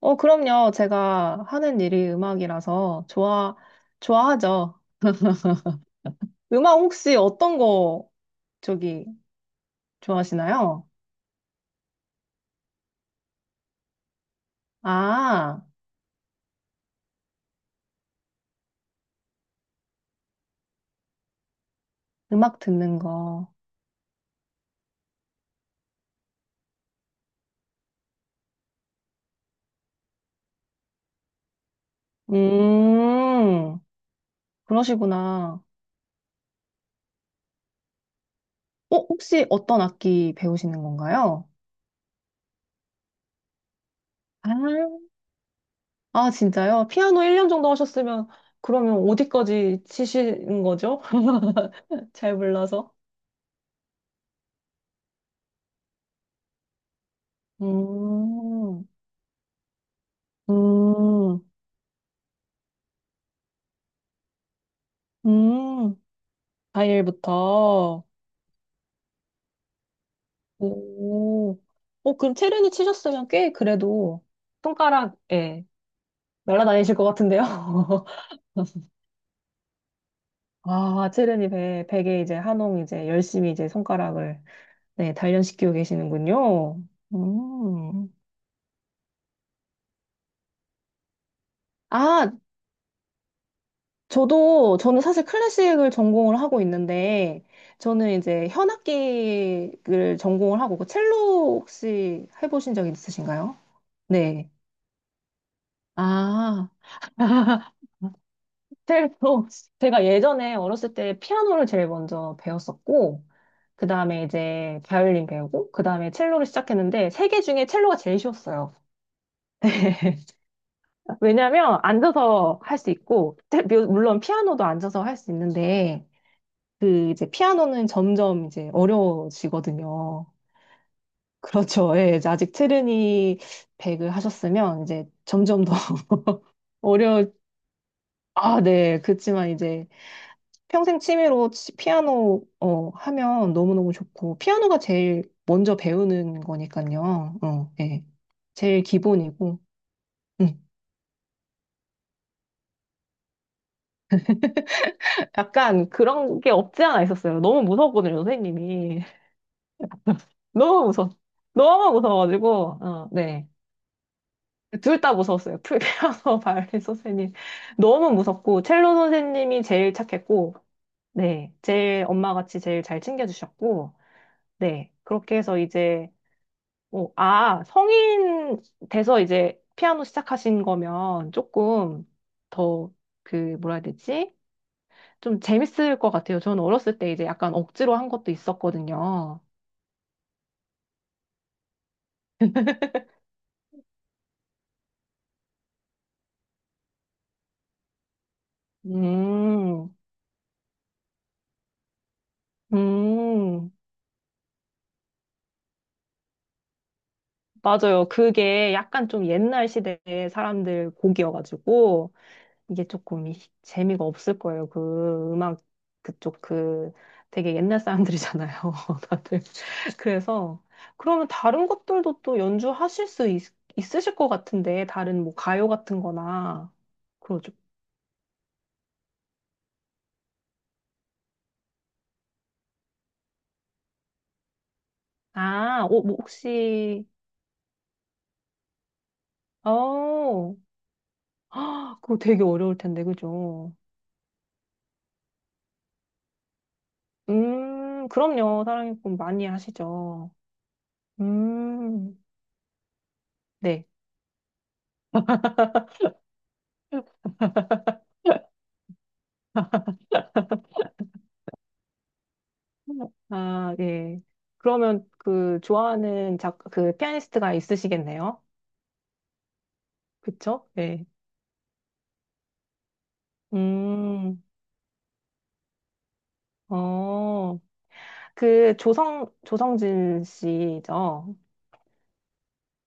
그럼요. 제가 하는 일이 음악이라서 좋아하죠. 음악 혹시 어떤 거 저기 좋아하시나요? 아, 음악 듣는 거. 음, 그러시구나. 혹시 어떤 악기 배우시는 건가요? 아, 진짜요? 피아노 1년 정도 하셨으면 그러면 어디까지 치시는 거죠? 잘 몰라서. 음, 음, 음, 과일부터. 오, 그럼 체르니 치셨으면 꽤 그래도 손가락에 날아다니실 것 같은데요? 아, 체르니 베개 이제 한홍 이제 열심히 이제 손가락을 네, 단련시키고 계시는군요. 음. 아, 저는 사실 클래식을 전공을 하고 있는데, 저는 이제 현악기를 전공을 하고, 그 첼로 혹시 해보신 적 있으신가요? 네. 아. 첼로 제가 예전에 어렸을 때 피아노를 제일 먼저 배웠었고 그 다음에 이제 바이올린 배우고 그 다음에 첼로를 시작했는데 세 개 중에 첼로가 제일 쉬웠어요. 왜냐하면 앉아서 할 수 있고 물론 피아노도 앉아서 할 수 있는데 그 이제 피아노는 점점 이제 어려워지거든요. 그렇죠. 예, 이제 아직 트르니 백을 하셨으면 이제 점점 더 어려. 아, 네. 그렇지만 이제 평생 취미로 피아노 하면 너무너무 좋고 피아노가 제일 먼저 배우는 거니까요. 어, 예. 제일 기본이고. 음. 약간 그런 게 없지 않아 있었어요. 너무 무서웠거든요, 선생님이. 너무 무서, 너무 무서워가지고, 어, 네. 둘 다 무서웠어요. 풀 피아노 바이올린 선생님. 너무 무섭고, 첼로 선생님이 제일 착했고, 네. 제일 엄마같이 제일 잘 챙겨주셨고, 네. 그렇게 해서 이제 성인 돼서 이제 피아노 시작하신 거면 조금 더 그, 뭐라 해야 되지? 좀 재밌을 것 같아요. 저는 어렸을 때 이제 약간 억지로 한 것도 있었거든요. 음, 음, 맞아요. 그게 약간 좀 옛날 시대의 사람들 곡이어가지고 이게 조금 재미가 없을 거예요. 그 음악 그쪽 그 되게 옛날 사람들이잖아요. 다들. 그래서 그러면 다른 것들도 또 연주하실 수 있, 있으실 것 같은데 다른 뭐 가요 같은 거나 그러죠. 아, 뭐 혹시 어, 아, 그거 되게 어려울 텐데 그죠? 그럼요. 사랑의 꿈 많이 하시죠. 음, 네. 아, 예. 그러면 그 좋아하는 작, 그 피아니스트가 있으시겠네요. 그쵸? 네. 음, 어. 그 조성진 씨죠.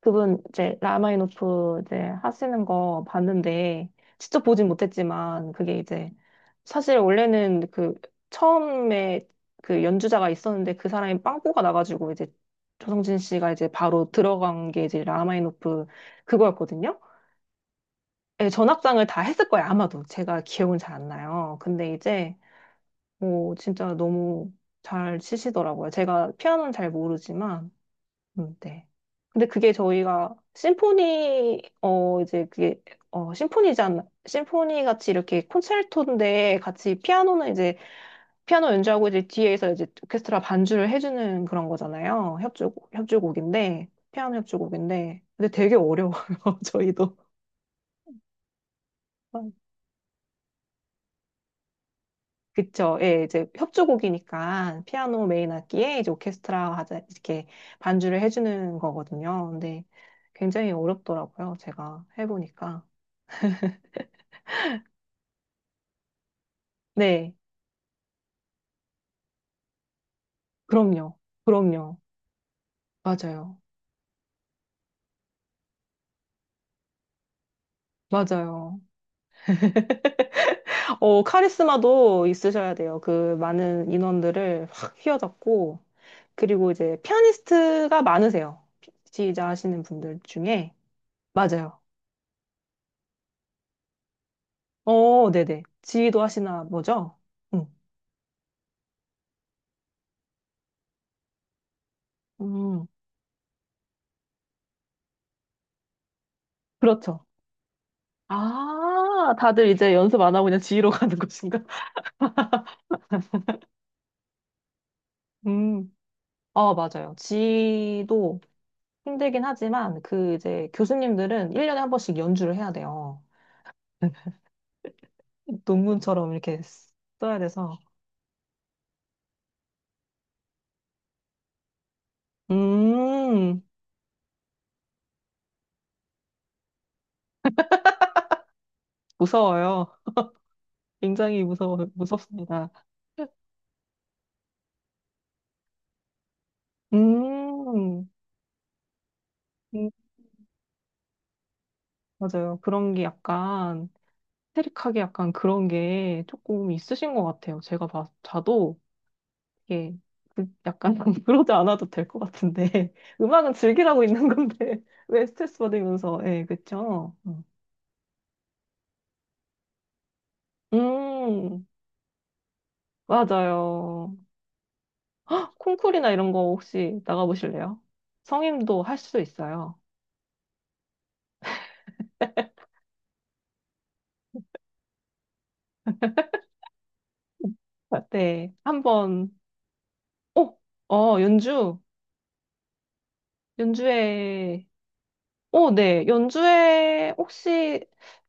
그분 이제 라마이노프 이제 하시는 거 봤는데 직접 보진 못했지만 그게 이제 사실 원래는 그 처음에 그 연주자가 있었는데 그 사람이 빵꾸가 나가지고 이제 조성진 씨가 이제 바로 들어간 게 이제 라마이노프 그거였거든요. 예, 전악장을 다 했을 거예요, 아마도. 제가 기억은 잘 안 나요. 근데 이제 뭐 진짜 너무 잘 치시더라고요. 제가 피아노는 잘 모르지만 네. 근데 그게 저희가 심포니 이제 그게 심포니잖아. 심포니 같이 이렇게 콘체르토인데 같이 피아노는 이제 피아노 연주하고 이제 뒤에서 이제 오케스트라 반주를 해주는 그런 거잖아요. 협주곡 협주곡인데 피아노 협주곡인데 근데 되게 어려워요. 저희도. 그쵸. 예, 이제 협주곡이니까 피아노 메인 악기에 이제 오케스트라 하자 이렇게 반주를 해주는 거거든요. 근데 굉장히 어렵더라고요. 제가 해보니까. 네, 그럼요. 그럼요. 맞아요. 맞아요. 카리스마도 있으셔야 돼요. 그 많은 인원들을 확 휘어잡고, 그리고 이제 피아니스트가 많으세요. 지휘자 하시는 분들 중에. 맞아요. 어, 네네. 지휘도 하시나 보죠? 응. 음, 그렇죠. 아, 다들 이제 연습 안 하고 그냥 지휘로 가는 것인가? 음, 맞아요. 지도 휘 힘들긴 하지만, 그 이제 교수님들은 1년에 한 번씩 연주를 해야 돼요. 논문처럼 이렇게 써야 돼서. 음, 무서워요. 굉장히 무섭습니다. 음, 음, 맞아요. 그런 게 약간, 스테릭하게 약간 그런 게 조금 있으신 것 같아요. 제가 봐, 자도 이게 약간 그러지 않아도 될 것 같은데. 음악은 즐기라고 있는 건데, 왜 스트레스 받으면서, 예, 그쵸? 음, 맞아요. 헉, 콩쿨이나 이런 거 혹시 나가보실래요? 성임도 할 수 있어요. 네, 한번, 어, 어, 연주, 연주회, 네, 연주회, 혹시,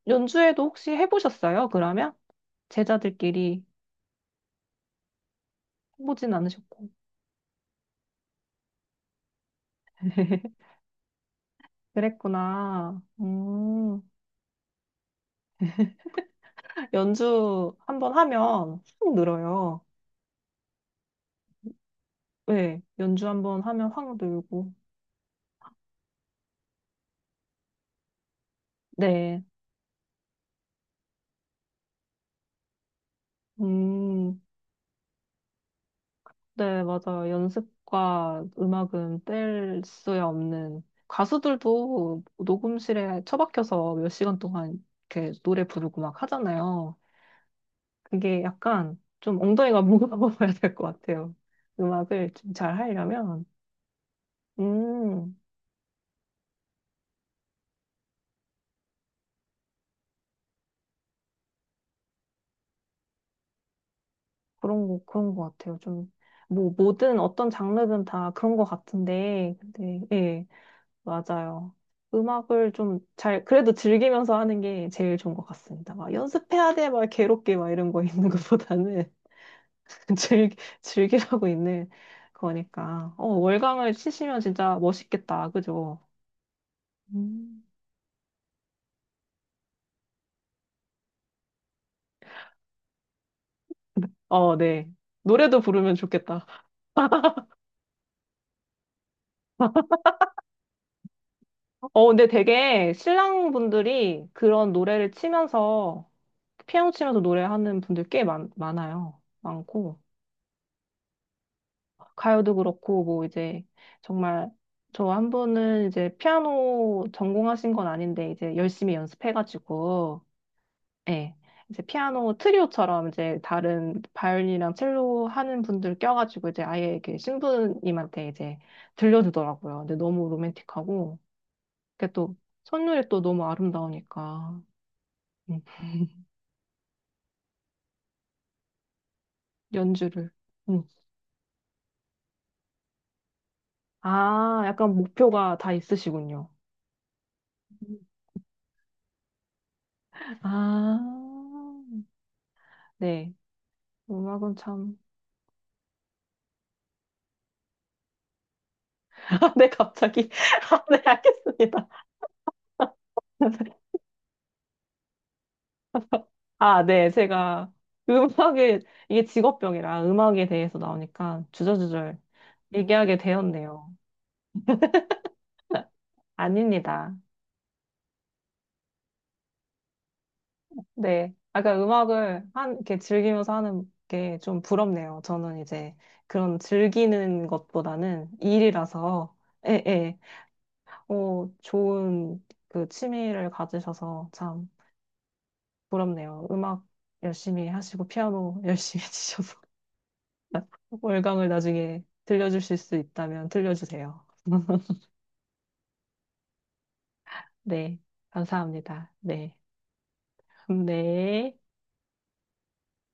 연주회도 혹시 해보셨어요? 그러면? 제자들끼리 해보진 않으셨고. 그랬구나. 연주 한 번 하면 확 늘어요. 네, 연주 한 번 하면 확 늘고. 네, 음. 네, 맞아요. 연습과 음악은 뗄 수야 없는 가수들도 녹음실에 처박혀서 몇 시간 동안 이렇게 노래 부르고 막 하잖아요. 그게 약간 좀 엉덩이가 무거워야 될 것 같아요. 음악을 좀 잘 하려면 음 그런 거 그런 것 같아요. 좀 뭐 뭐든 어떤 장르든 다 그런 것 같은데 근데 예. 맞아요. 음악을 좀 잘, 그래도 즐기면서 하는 게 제일 좋은 것 같습니다. 막 연습해야 돼, 막 괴롭게 막 이런 거 있는 것보다는 즐, 즐기라고 있는 거니까. 월광을 치시면 진짜 멋있겠다. 그죠? 음. 어, 네. 노래도 부르면 좋겠다. 근데 되게 신랑분들이 그런 노래를 치면서, 피아노 치면서 노래하는 분들 꽤 많, 많아요. 많고. 가요도 그렇고, 뭐 이제 정말 저 한 분은 이제 피아노 전공하신 건 아닌데 이제 열심히 연습해가지고, 예. 이제 피아노 트리오처럼 이제 다른 바이올린이랑 첼로 하는 분들 껴가지고 이제 아예 이렇게 신부님한테 이제 들려주더라고요. 근데 너무 로맨틱하고, 그게 또 선율이 또 너무 아름다우니까, 음, 연주를. 음. 아, 약간 목표가 다 있으시군요. 아, 네. 음악은 참. 아, 네, 갑자기. 아, 네, 알겠습니다. 아, 네, 제가 음악에, 이게 직업병이라 음악에 대해서 나오니까 주저주절 얘기하게 되었네요. 아닙니다. 네. 아까 음악을 한, 이렇게 즐기면서 하는 게 좀 부럽네요. 저는 이제 그런 즐기는 것보다는 일이라서, 예, 예. 좋은 그 취미를 가지셔서 참 부럽네요. 음악 열심히 하시고, 피아노 열심히 치셔서. 월광을 나중에 들려주실 수 있다면 들려주세요. 네, 감사합니다. 네, 네.